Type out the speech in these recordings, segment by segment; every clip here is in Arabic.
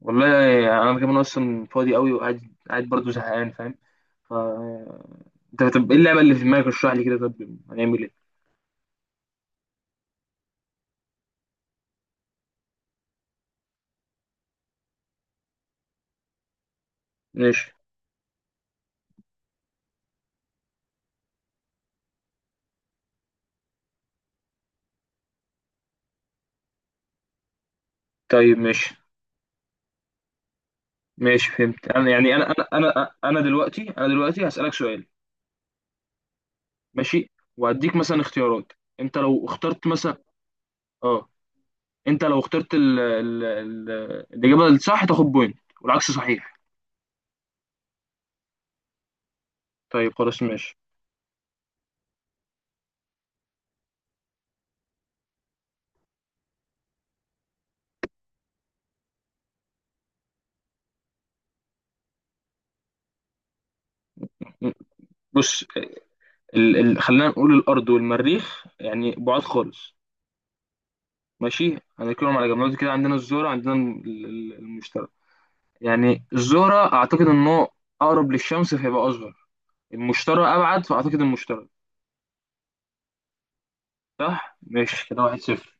والله انا كمان اصلا فاضي قوي وقاعد قاعد برضه زهقان فاهم؟ ف انت طب ايه اللعبه اللي في دماغك؟ اشرح لي كده، طب هنعمل ايه؟ ماشي. طيب، ماشي. ماشي فهمت. انا دلوقتي هسألك سؤال. ماشي. وهديك مثلا اختيارات. انت لو اخترت مثلا اه انت لو اخترت الاجابه الصح تاخد بوينت، والعكس صحيح. طيب خلاص، ماشي. بص، خلينا نقول الارض والمريخ يعني بعاد خالص. ماشي، هنركنهم على جنب دلوقتي كده. عندنا الزهرة، عندنا المشتري. يعني الزهرة أعتقد إنه أقرب للشمس فهيبقى أصغر. المشتري أبعد، فأعتقد المشتري. صح؟ ماشي كده، واحد صفر.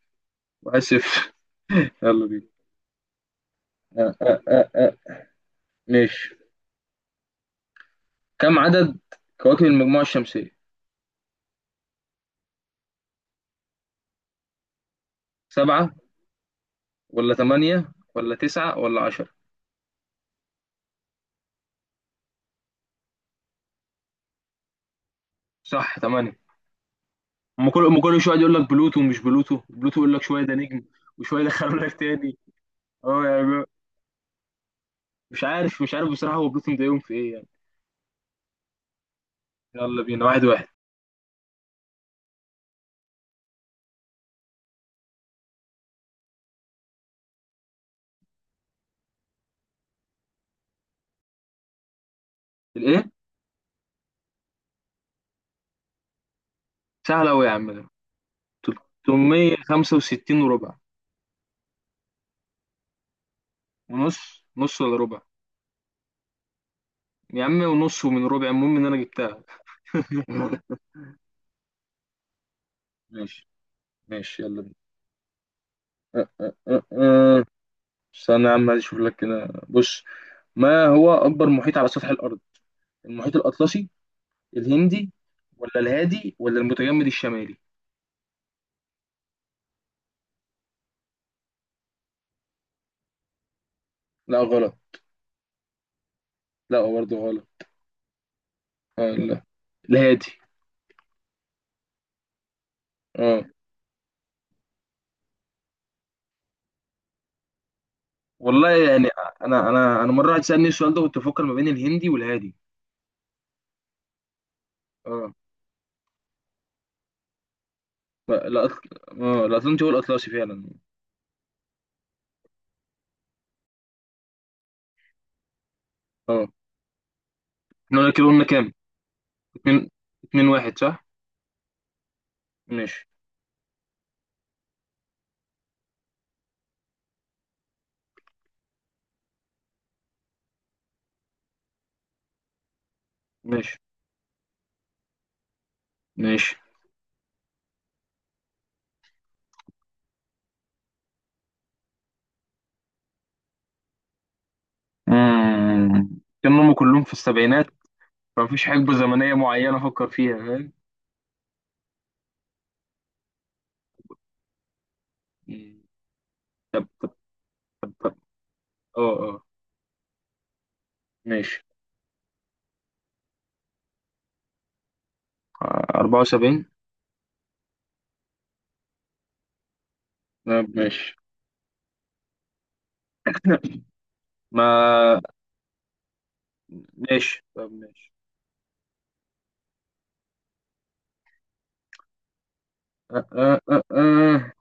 واحد صفر. يلا بينا. آه آه آه آه. ماشي. كم عدد كواكب المجموعة الشمسية؟ سبعة، ولا ثمانية، ولا تسعة، ولا عشرة؟ صح، ثمانية. أما كل شوية يقول لك بلوتو ومش بلوتو، بلوتو يقول لك شوية ده نجم. وشوية يدخلوا لك تاني. أه يعني. مش عارف، مش عارف بصراحة. هو بلوتو مضايقهم في إيه يعني. يلا بينا، واحد واحد. الايه؟ سهل أوي يا عم ده. 365 وربع. ونص، نص ولا ربع؟ يا عم ونص، ومن ربع المهم ان انا جبتها. ماشي. ماشي يلا بينا. أه، أه، أه، أه. استنى يا عم، عايز اشوف لك كده. بص. ما هو اكبر محيط على سطح الارض؟ المحيط الاطلسي، الهندي، ولا الهادي، ولا المتجمد الشمالي؟ لا غلط. لا برضه غلط. آه لا، الهادي. اه. والله يعني، انا مره واحد سالني السؤال ده، كنت بفكر ما بين الهندي والهادي. اه لا لا أصل... اه لا، أظن هو الأطلسي فعلا. اه. احنا قلنا كده، قلنا كام؟ اتنين اتنين واحد، صح؟ ماشي. ماشي. ماشي. مم. كانوا هم كلهم في السبعينات، فمفيش حقبة زمنية معينة أفكر فيها، فاهم؟ مم. طب طب. طب طب. اه اه. ماشي، أربعة وسبعين. طب ماشي. ما ماشي. طب ماشي. أه أه أه أه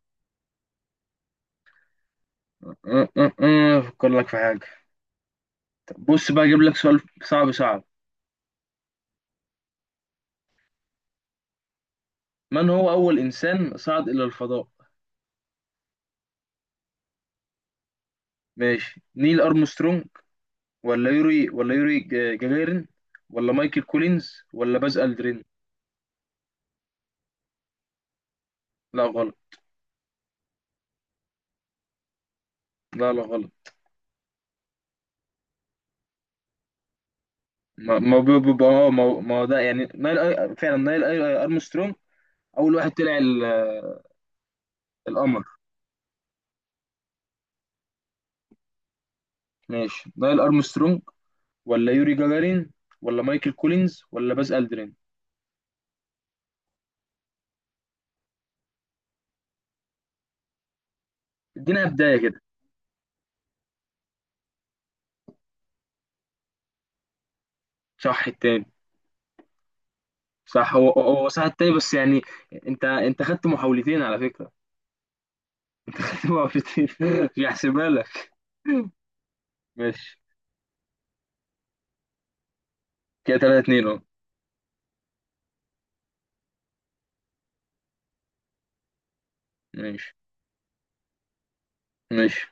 أه أه أه. أفكر لك في حاجة. طب بص بقى، أجيب لك سؤال صعب صعب. من هو أول إنسان صعد إلى الفضاء؟ ماشي. نيل أرمسترونج، ولا يوري جاجارين، ولا مايكل كولينز، ولا باز ألدرين؟ لا غلط. لا لا غلط. ما ما هو ده، يعني فعلا نايل أرمسترونج. أول واحد طلع القمر. ماشي. نايل أرمسترونج، ولا يوري جاجارين، ولا مايكل كولينز، ولا باز ألدرين؟ ادينا بداية كده. صح، التاني. صح، هو صح التاني، بس يعني... انت خدت محاولتين على فكرة. محاولتين. مش هحسبها لك. ماشي كده، 3-2. اه ماشي. ماشي.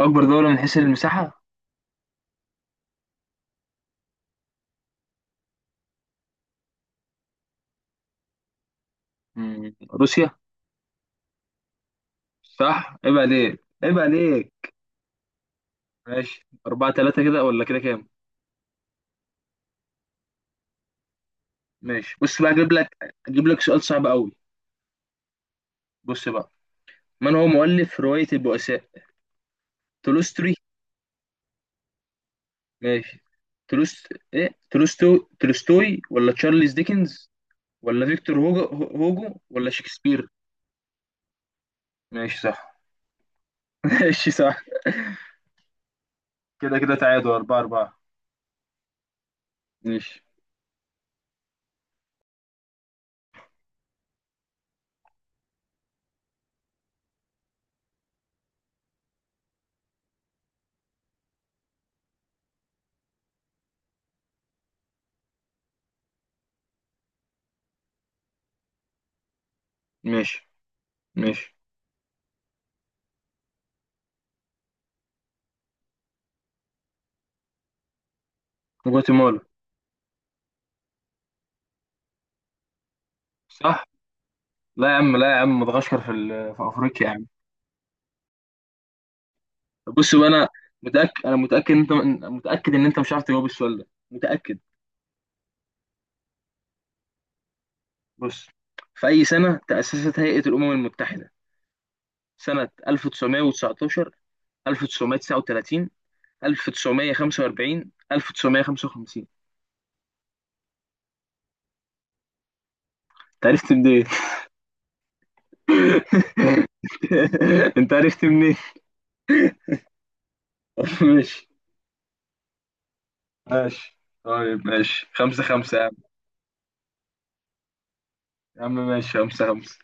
اكبر دولة من حيث المساحة؟ مم. روسيا. صح، عيب عليك، عيب عليك. ماشي، 4-3 كده، ولا كده كام؟ ماشي بص بقى، اجيب لك سؤال صعب قوي. بص بقى، من هو مؤلف رواية البؤساء؟ تولستوي. ماشي. تولست ايه تولستو تولستوي، ولا تشارلز ديكنز، ولا فيكتور هوجو، ولا شكسبير؟ ماشي، صح. ماشي، صح. كده تعادل، 4-4. ماشي. ماشي. ماشي. جواتيمالا صح. لا يا عم، لا يا عم، مدغشقر في افريقيا يا عم. طب بص بقى، انا متاكد، انا متاكد انت متاكد ان انت مش عارف تجاوب السؤال ده، متاكد. بص، في اي سنه تاسست هيئه الامم المتحده؟ سنه 1919، 1939، 1945، 1955؟ انت عرفت منين؟ انت عرفت منين؟ ماشي. ماشي. طيب ماشي، خمسة خمسة يا عم. يا عم ماشي، خمسة خمسة.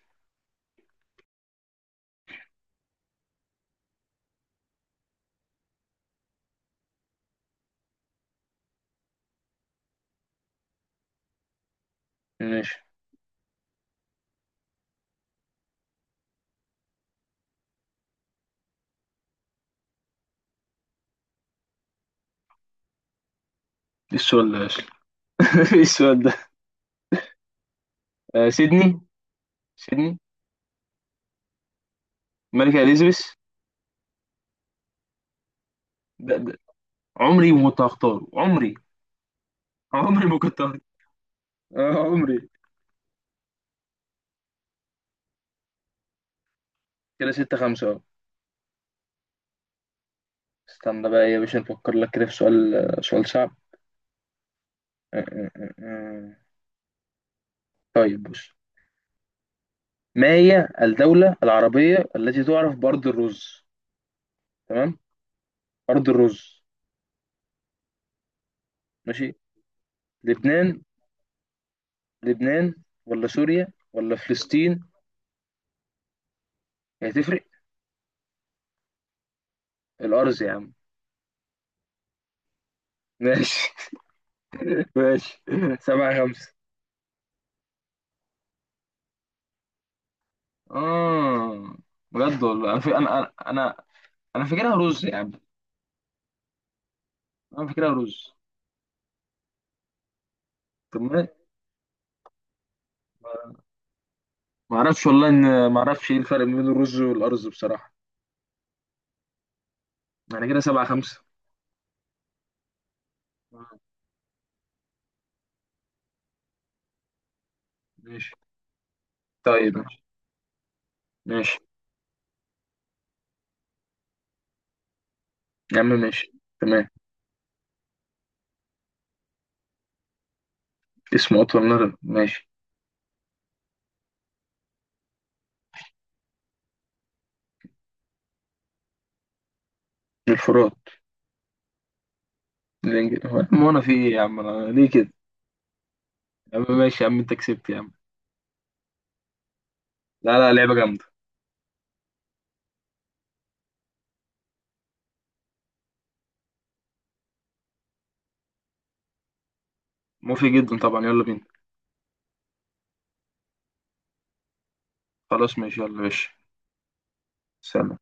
ماشي. ايه السؤال ده يا أخي؟ ايه السؤال ده؟ آه، سيدني. سيدني. الملكة إليزابيث. ده عمري ما كنت هختاره، عمري. عمري ما كنت هختاره. آه، عمري. كده ستة خمسة أهو. استنى بقى. إيه يا باشا، نفكر لك كده في سؤال، سؤال صعب. آه، آه، آه، آه. طيب بص. ما هي الدولة العربية التي تعرف بأرض الرز؟ تمام. أرض الرز. ماشي. لبنان، لبنان. ولا سوريا، ولا فلسطين؟ هتفرق؟ الأرز يا عم. ماشي. ماشي. سبعة خمسة. اه بجد والله. انا في انا انا انا أنا فاكرها رز يا عم. انا فاكرها رز. طب، ما اعرفش والله ان ما اعرفش ايه الفرق بين الرز والارز بصراحه. يعني كده سبعة خمسة. آه، ماشي. طيب ماشي. ماشي يا عم، ماشي. تمام. اسمه اطول نهر. ماشي. الفرات. الانجليزي هو! ما انا في ايه يا عم، انا ليه كده؟ يا عم ماشي يا عم، انت كسبت يا عم. لا لا، لعبه جامده. مفيد جدا طبعا، يلا بينا. خلاص ماشي، يلا ماشي. سلام.